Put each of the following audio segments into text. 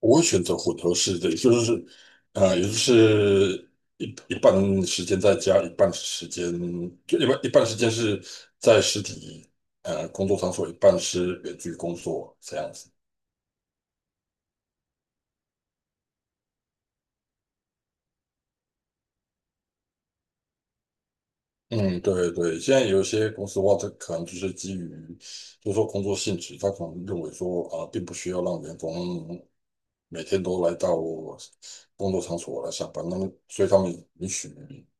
我会选择混合式的，也就是，也就是一半时间在家，一半时间就一半时间是在实体工作场所，一半是远距工作这样子。嗯，对对，现在有一些公司的话，它可能就是基于，就是说工作性质，它可能认为说，啊、并不需要让员工每天都来到工作场所来上班，那么所以他们允许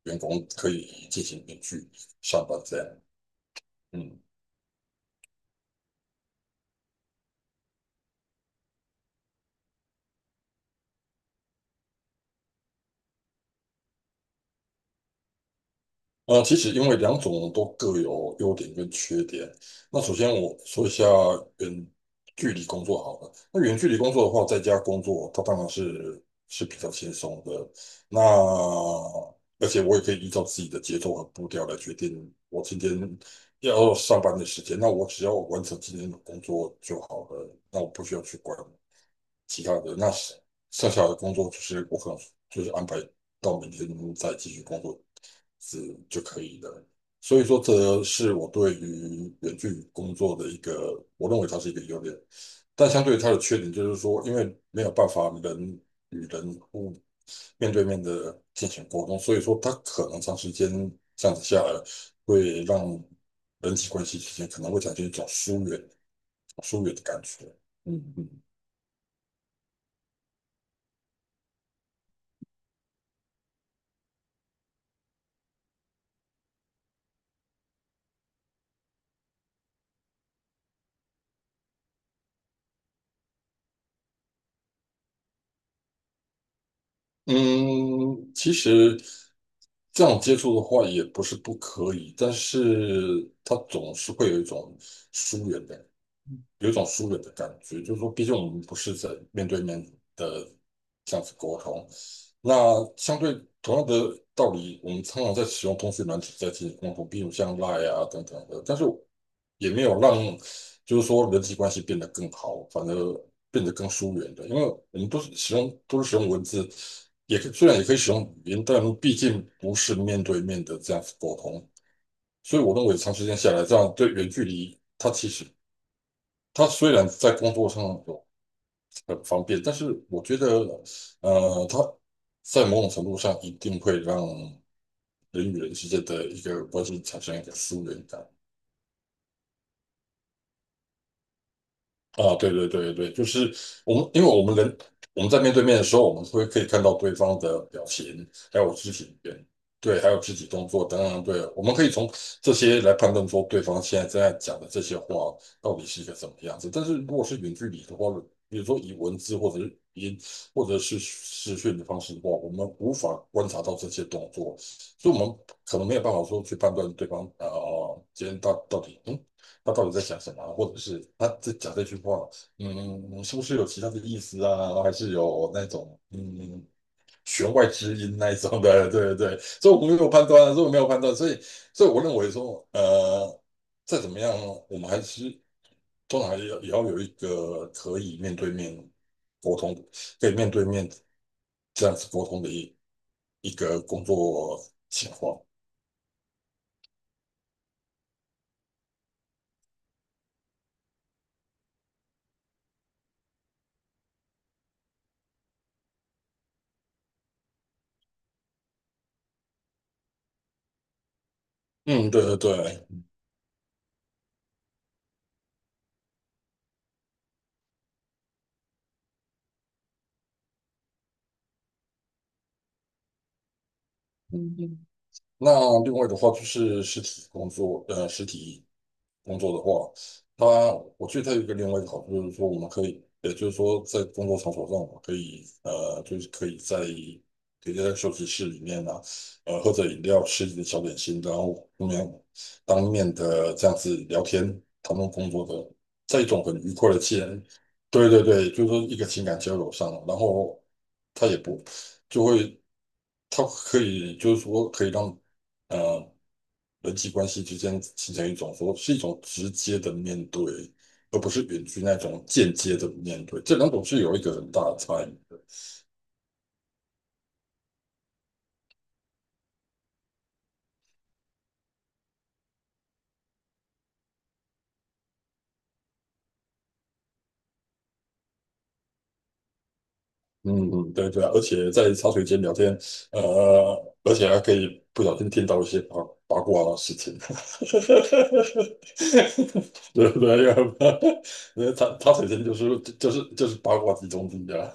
员工可以进行远距上班这样。嗯。其实因为两种都各有优点跟缺点。那首先我说一下远距离工作好了。那远距离工作的话，在家工作，它当然是比较轻松的。那而且我也可以依照自己的节奏和步调来决定我今天要上班的时间。那我只要完成今天的工作就好了，那我不需要去管其他的。那剩下的工作就是我可能就是安排到明天再继续工作。是就可以了。所以说，这是我对于远距工作的一个，我认为它是一个优点，但相对于它的缺点就是说，因为没有办法人与人互面对面的进行沟通，所以说它可能长时间这样子下来，会让人际关系之间可能会产生一种疏远、疏远的感觉。嗯嗯。嗯，其实这样接触的话也不是不可以，但是它总是会有一种疏远感。有一种疏远的感觉，就是说，毕竟我们不是在面对面的这样子沟通。那相对同样的道理，我们常常在使用通讯软体在进行沟通，比如像 Line 啊等等的，但是也没有让就是说人际关系变得更好，反而变得更疏远的，因为我们都是使用文字，也可以虽然也可以使用语音，但毕竟不是面对面的这样子沟通，所以我认为长时间下来，这样对远距离它其实他虽然在工作上有很方便，但是我觉得，他在某种程度上一定会让人与人之间的一个关系产生一个疏远感。啊，对对对对，就是我们，因为我们人我们在面对面的时候，我们会可以看到对方的表情，还有肢体语言，对，还有肢体动作等等，对，我们可以从这些来判断说对方现在正在讲的这些话到底是一个什么样子。但是如果是远距离的话，比如说以文字或者是语音或者是视讯的方式的话，我们无法观察到这些动作，所以我们可能没有办法说去判断对方今天到底他到底在想什么啊或者是他在讲这句话，嗯，是不是有其他的意思啊？还是有那种弦外之音那一种的？对对对，所以我没有判断，所以所以我认为说，再怎么样，我们还是通常还是要也要有一个可以面对面沟通，可以面对面这样子沟通的一个工作情况。嗯，对对对。那另外的话就是实体工作，实体工作的话，它我觉得它有一个另外一个好处就是说，我们可以，也就是说，在工作场所上，我们可以，就是可以在休息室里面啊，喝着饮料，吃一点小点心，然后当面的这样子聊天，谈论工作的，在一种很愉快的气氛，对对对，就是说一个情感交流上，然后它也不就会。它可以就是说可以让呃人际关系之间形成一种说是一种直接的面对，而不是远距那种间接的面对，这两种是有一个很大的差异的。嗯嗯，对对啊，而且在茶水间聊天，呃，而且还可以不小心听到一些八卦的事情，对不对？因为茶水间就是八卦集中地啊，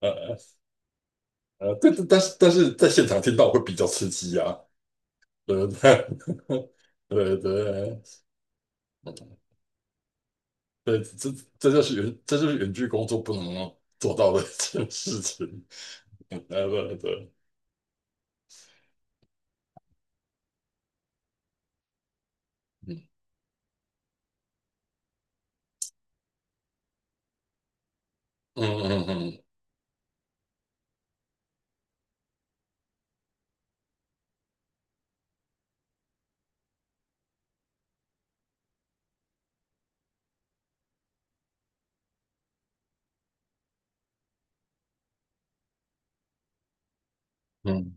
呃呃，对，但是在现场听到会比较刺激啊。对不对 对对对，这就是远，这就是远距工作不能做到的 一件事情。嗯对对对，嗯嗯嗯嗯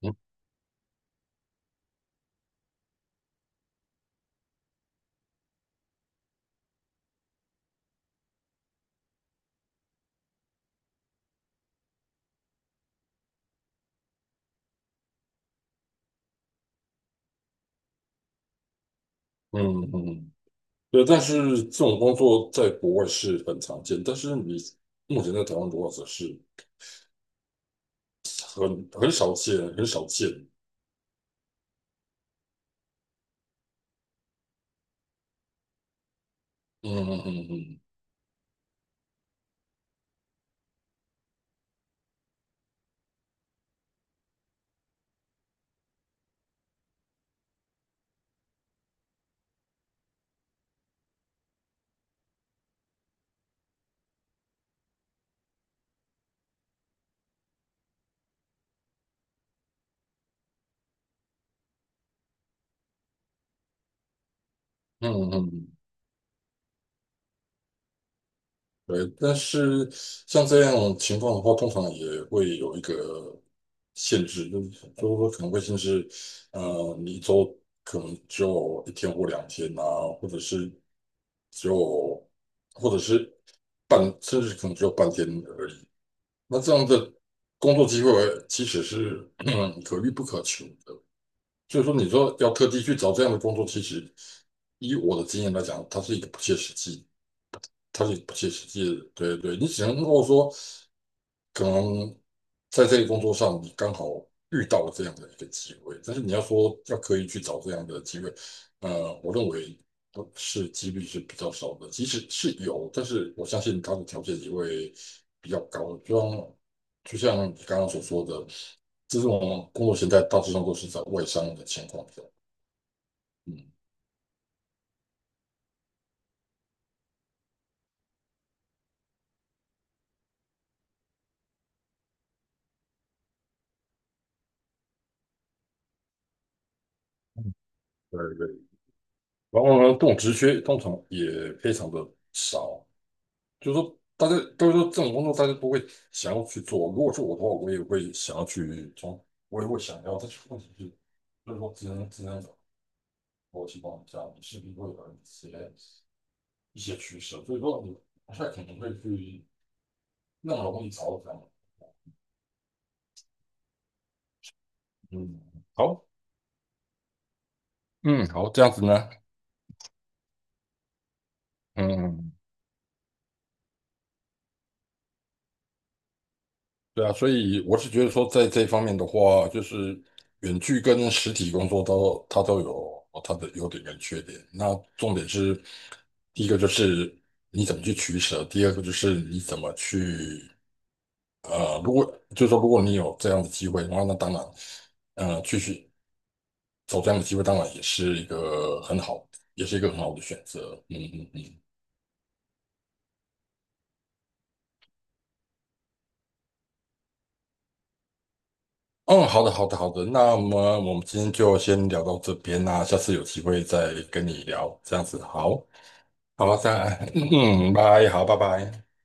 嗯嗯嗯，嗯对。但是这种工作在国外是很常见，但是你目前在台湾的话，则是很少见，很少见。嗯嗯嗯嗯嗯嗯嗯对，但是像这样的情况的话，通常也会有一个限制，就是就是说可能会限制，你一周可能只有一天或两天啊，或者是只有，或者是半，甚至可能只有半天而已。那这样的工作机会其实是可遇不可求的，所以说你说要特地去找这样的工作，其实以我的经验来讲，它是一个不切实际。它是一个不切实际的。对对，你只能够说，可能在这个工作上你刚好遇到了这样的一个机会，但是你要说要刻意去找这样的机会，我认为不是几率是比较少的，即使是有，但是我相信它的条件也会比较高，就像你刚刚所说的，这种工作形态大致上都是在外商的情况下，嗯，对对，然后呢，这种职缺通常也非常的少。就是说大家都是说这种工作大家都会想要去做。如果是我的话，我也会想要去从，我也会想要。但是问题是，就是说职能逻辑方下，你势必会有一些一些趋势？所以说你不太可能会去那么容易找到这样的嗯，好，嗯，好，这样子呢，嗯。对啊，所以我是觉得说，在这方面的话，就是远距跟实体工作都它都有它的优点跟缺点。那重点是，第一个就是你怎么去取舍，第二个就是你怎么去如果就是说如果你有这样的机会的话，那当然，继续走这样的机会，当然也是一个很好，也是一个很好的选择。嗯嗯嗯。嗯，好的，好的，好的。那么我们今天就先聊到这边啦，下次有机会再跟你聊，这样子好，好，再，嗯，拜，好，拜拜。